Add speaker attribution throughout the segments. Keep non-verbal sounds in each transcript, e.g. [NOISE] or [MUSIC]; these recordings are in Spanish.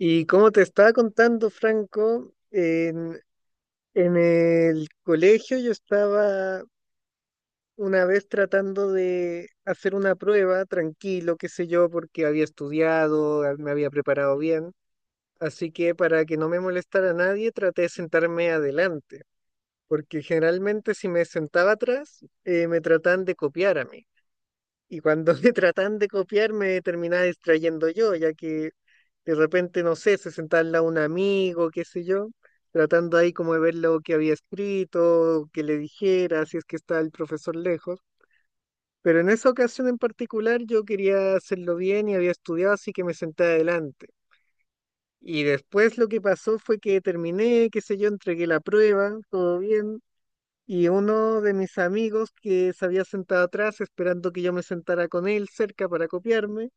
Speaker 1: Y como te estaba contando, Franco, en el colegio yo estaba una vez tratando de hacer una prueba, tranquilo, qué sé yo, porque había estudiado, me había preparado bien. Así que para que no me molestara a nadie, traté de sentarme adelante, porque generalmente si me sentaba atrás, me trataban de copiar a mí. Y cuando [LAUGHS] me tratan de copiar, me terminaba distrayendo yo, ya que de repente, no sé, se sentaba al lado un amigo, qué sé yo, tratando ahí como de ver lo que había escrito, que le dijera, si es que está el profesor lejos. Pero en esa ocasión en particular yo quería hacerlo bien y había estudiado, así que me senté adelante. Y después lo que pasó fue que terminé, qué sé yo, entregué la prueba, todo bien. Y uno de mis amigos que se había sentado atrás esperando que yo me sentara con él cerca para copiarme,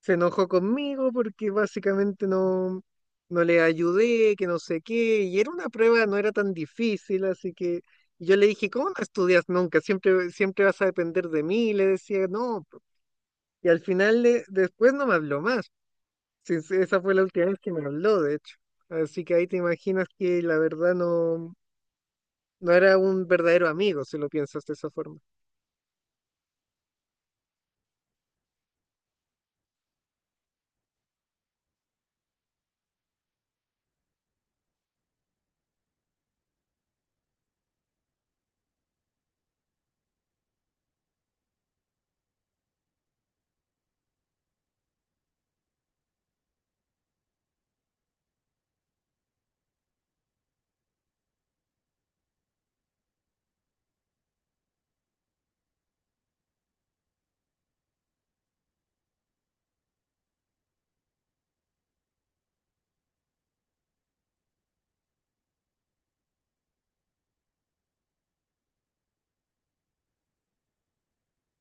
Speaker 1: se enojó conmigo porque básicamente no, no le ayudé, que no sé qué, y era una prueba, no era tan difícil, así que yo le dije, ¿cómo no estudias nunca? Siempre, siempre vas a depender de mí, le decía, no, po". Y al final después no me habló más. Sí, sí, esa fue la última vez que me habló, de hecho, así que ahí te imaginas que la verdad no, no era un verdadero amigo, si lo piensas de esa forma.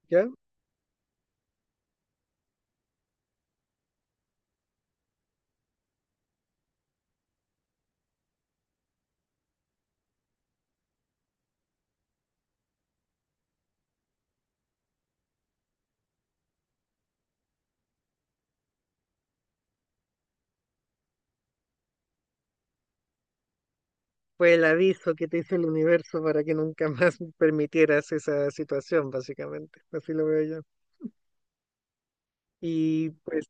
Speaker 1: ¿Ya? Fue el aviso que te hizo el universo para que nunca más [LAUGHS] permitieras esa situación, básicamente. Así lo veo yo. Y pues,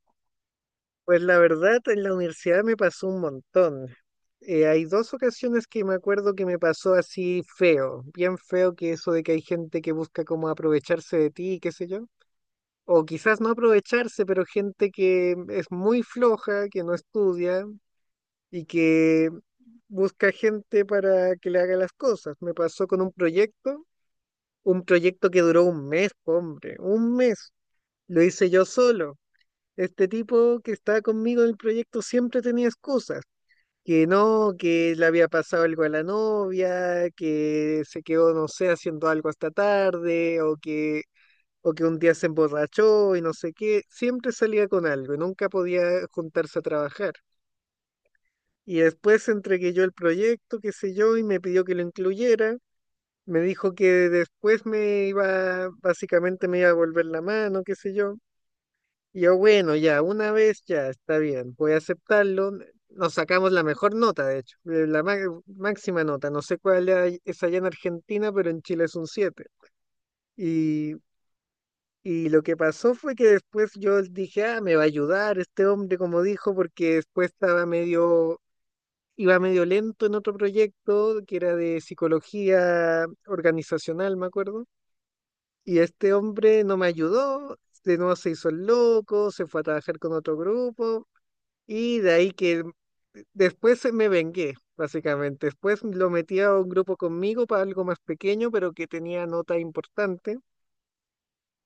Speaker 1: pues la verdad, en la universidad me pasó un montón. Hay dos ocasiones que me acuerdo que me pasó así feo, bien feo, que eso de que hay gente que busca como aprovecharse de ti, qué sé yo. O quizás no aprovecharse, pero gente que es muy floja, que no estudia y que busca gente para que le haga las cosas. Me pasó con un proyecto. Un proyecto que duró un mes, hombre, un mes. Lo hice yo solo. Este tipo que estaba conmigo en el proyecto siempre tenía excusas. Que no, que le había pasado algo a la novia, que se quedó, no sé, haciendo algo hasta tarde, o que un día se emborrachó y no sé qué. Siempre salía con algo y nunca podía juntarse a trabajar. Y después entregué yo el proyecto, qué sé yo, y me pidió que lo incluyera. Me dijo que después me iba, básicamente me iba a volver la mano, qué sé yo. Y yo, bueno, ya, una vez ya, está bien, voy a aceptarlo. Nos sacamos la mejor nota, de hecho, la máxima nota. No sé cuál es allá en Argentina, pero en Chile es un siete. Y, y lo que pasó fue que después yo dije, ah, me va a ayudar este hombre, como dijo, porque después estaba medio, iba medio lento en otro proyecto que era de psicología organizacional, me acuerdo. Y este hombre no me ayudó, de nuevo se hizo el loco, se fue a trabajar con otro grupo y de ahí que después me vengué, básicamente. Después lo metí a un grupo conmigo para algo más pequeño, pero que tenía nota importante.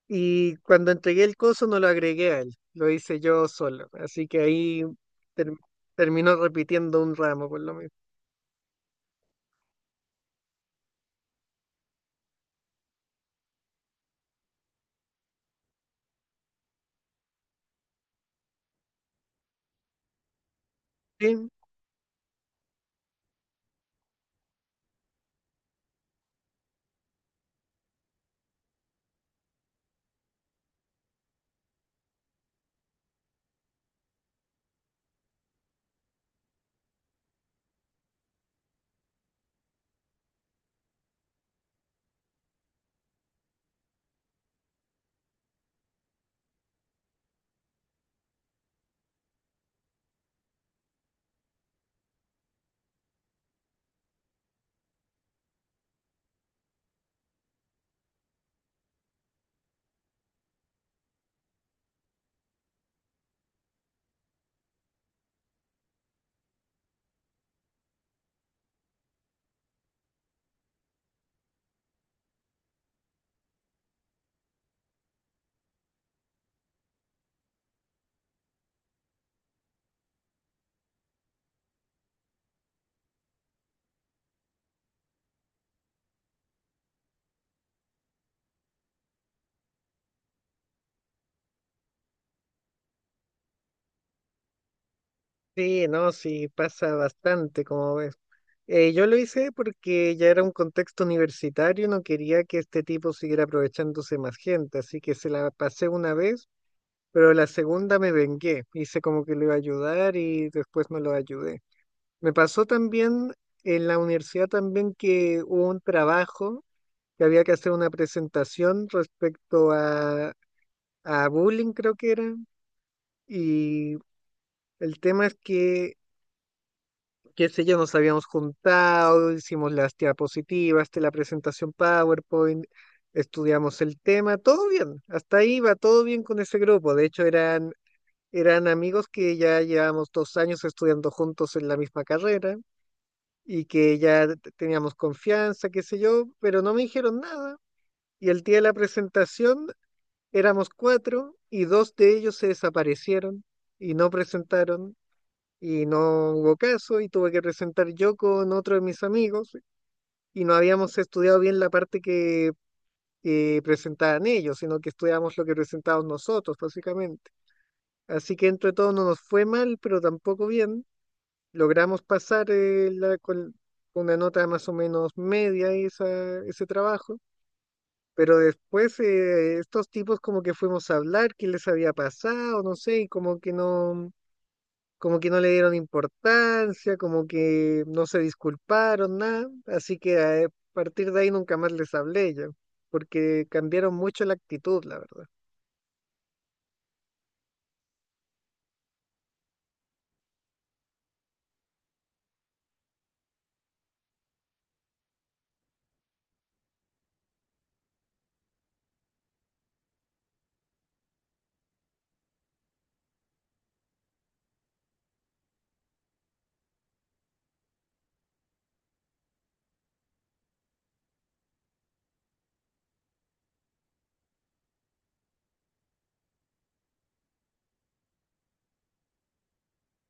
Speaker 1: Y cuando entregué el coso no lo agregué a él, lo hice yo solo. Así que ahí ter- terminó repitiendo un ramo por lo menos. Sí, no, sí, pasa bastante, como ves. Yo lo hice porque ya era un contexto universitario, no quería que este tipo siguiera aprovechándose más gente, así que se la pasé una vez, pero la segunda me vengué, hice como que le iba a ayudar y después no lo ayudé. Me pasó también en la universidad también que hubo un trabajo que había que hacer una presentación respecto a bullying, creo que era, y el tema es que, qué sé yo, nos habíamos juntado, hicimos las diapositivas, de la presentación PowerPoint, estudiamos el tema, todo bien, hasta ahí va todo bien con ese grupo. De hecho, eran amigos que ya llevamos 2 años estudiando juntos en la misma carrera y que ya teníamos confianza, qué sé yo, pero no me dijeron nada. Y el día de la presentación éramos cuatro y dos de ellos se desaparecieron y no presentaron y no hubo caso y tuve que presentar yo con otro de mis amigos y no habíamos estudiado bien la parte que presentaban ellos, sino que estudiamos lo que presentábamos nosotros, básicamente. Así que entre todo no nos fue mal, pero tampoco bien. Logramos pasar, con una nota más o menos media esa, ese trabajo. Pero después, estos tipos, como que fuimos a hablar qué les había pasado, no sé, y como que no le dieron importancia, como que no se disculparon, nada. Así que a partir de ahí nunca más les hablé yo, porque cambiaron mucho la actitud, la verdad.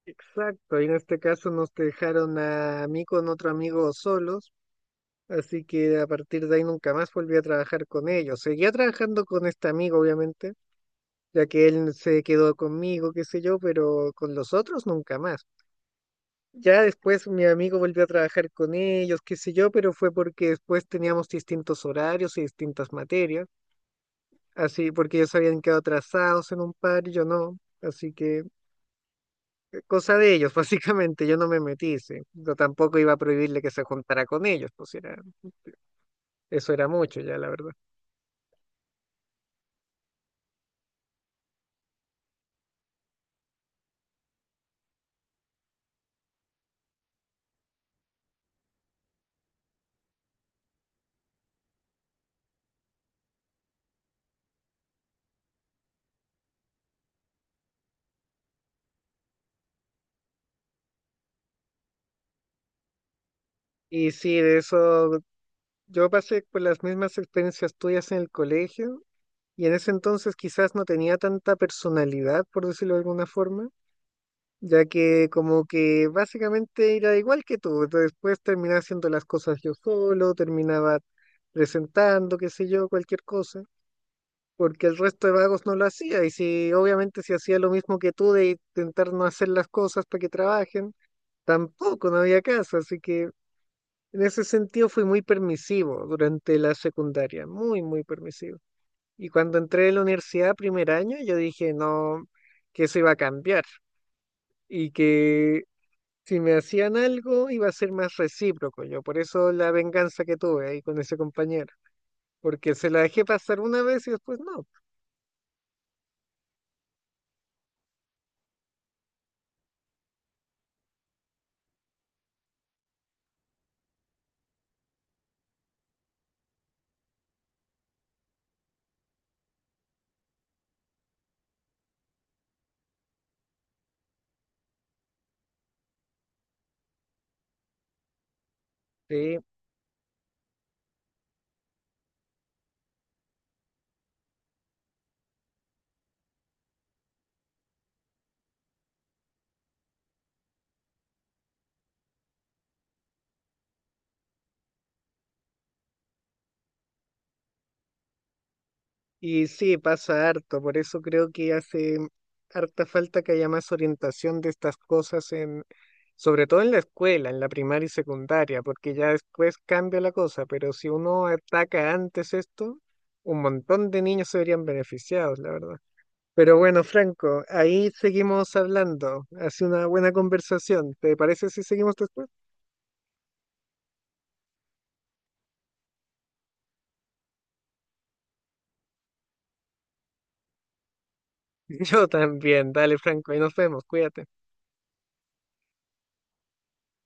Speaker 1: Exacto, y en este caso nos dejaron a mí con otro amigo solos, así que a partir de ahí nunca más volví a trabajar con ellos. Seguía trabajando con este amigo, obviamente, ya que él se quedó conmigo, qué sé yo, pero con los otros nunca más. Ya después mi amigo volvió a trabajar con ellos, qué sé yo, pero fue porque después teníamos distintos horarios y distintas materias, así porque ellos habían quedado atrasados en un par y yo no, así que cosa de ellos, [LAUGHS] básicamente, yo no me metí, sí. Yo tampoco iba a prohibirle que se juntara con ellos, pues era, eso era mucho ya, la verdad. Y sí, de eso yo pasé por las mismas experiencias tuyas en el colegio y en ese entonces quizás no tenía tanta personalidad, por decirlo de alguna forma, ya que como que básicamente era igual que tú, entonces después terminaba haciendo las cosas yo solo, terminaba presentando, qué sé yo, cualquier cosa, porque el resto de vagos no lo hacía, y si obviamente si hacía lo mismo que tú de intentar no hacer las cosas para que trabajen, tampoco no había caso, así que en ese sentido fui muy permisivo durante la secundaria, muy, muy permisivo. Y cuando entré a la universidad primer año, yo dije, no, que eso iba a cambiar y que si me hacían algo, iba a ser más recíproco yo. Por eso la venganza que tuve ahí con ese compañero. Porque se la dejé pasar una vez y después no. Sí. Y sí, pasa harto. Por eso creo que hace harta falta que haya más orientación de estas cosas en, sobre todo en la escuela, en la primaria y secundaria, porque ya después cambia la cosa. Pero si uno ataca antes esto, un montón de niños se verían beneficiados, la verdad. Pero bueno, Franco, ahí seguimos hablando. Hace una buena conversación. ¿Te parece si seguimos después? [LAUGHS] Yo también. Dale, Franco, ahí nos vemos. Cuídate.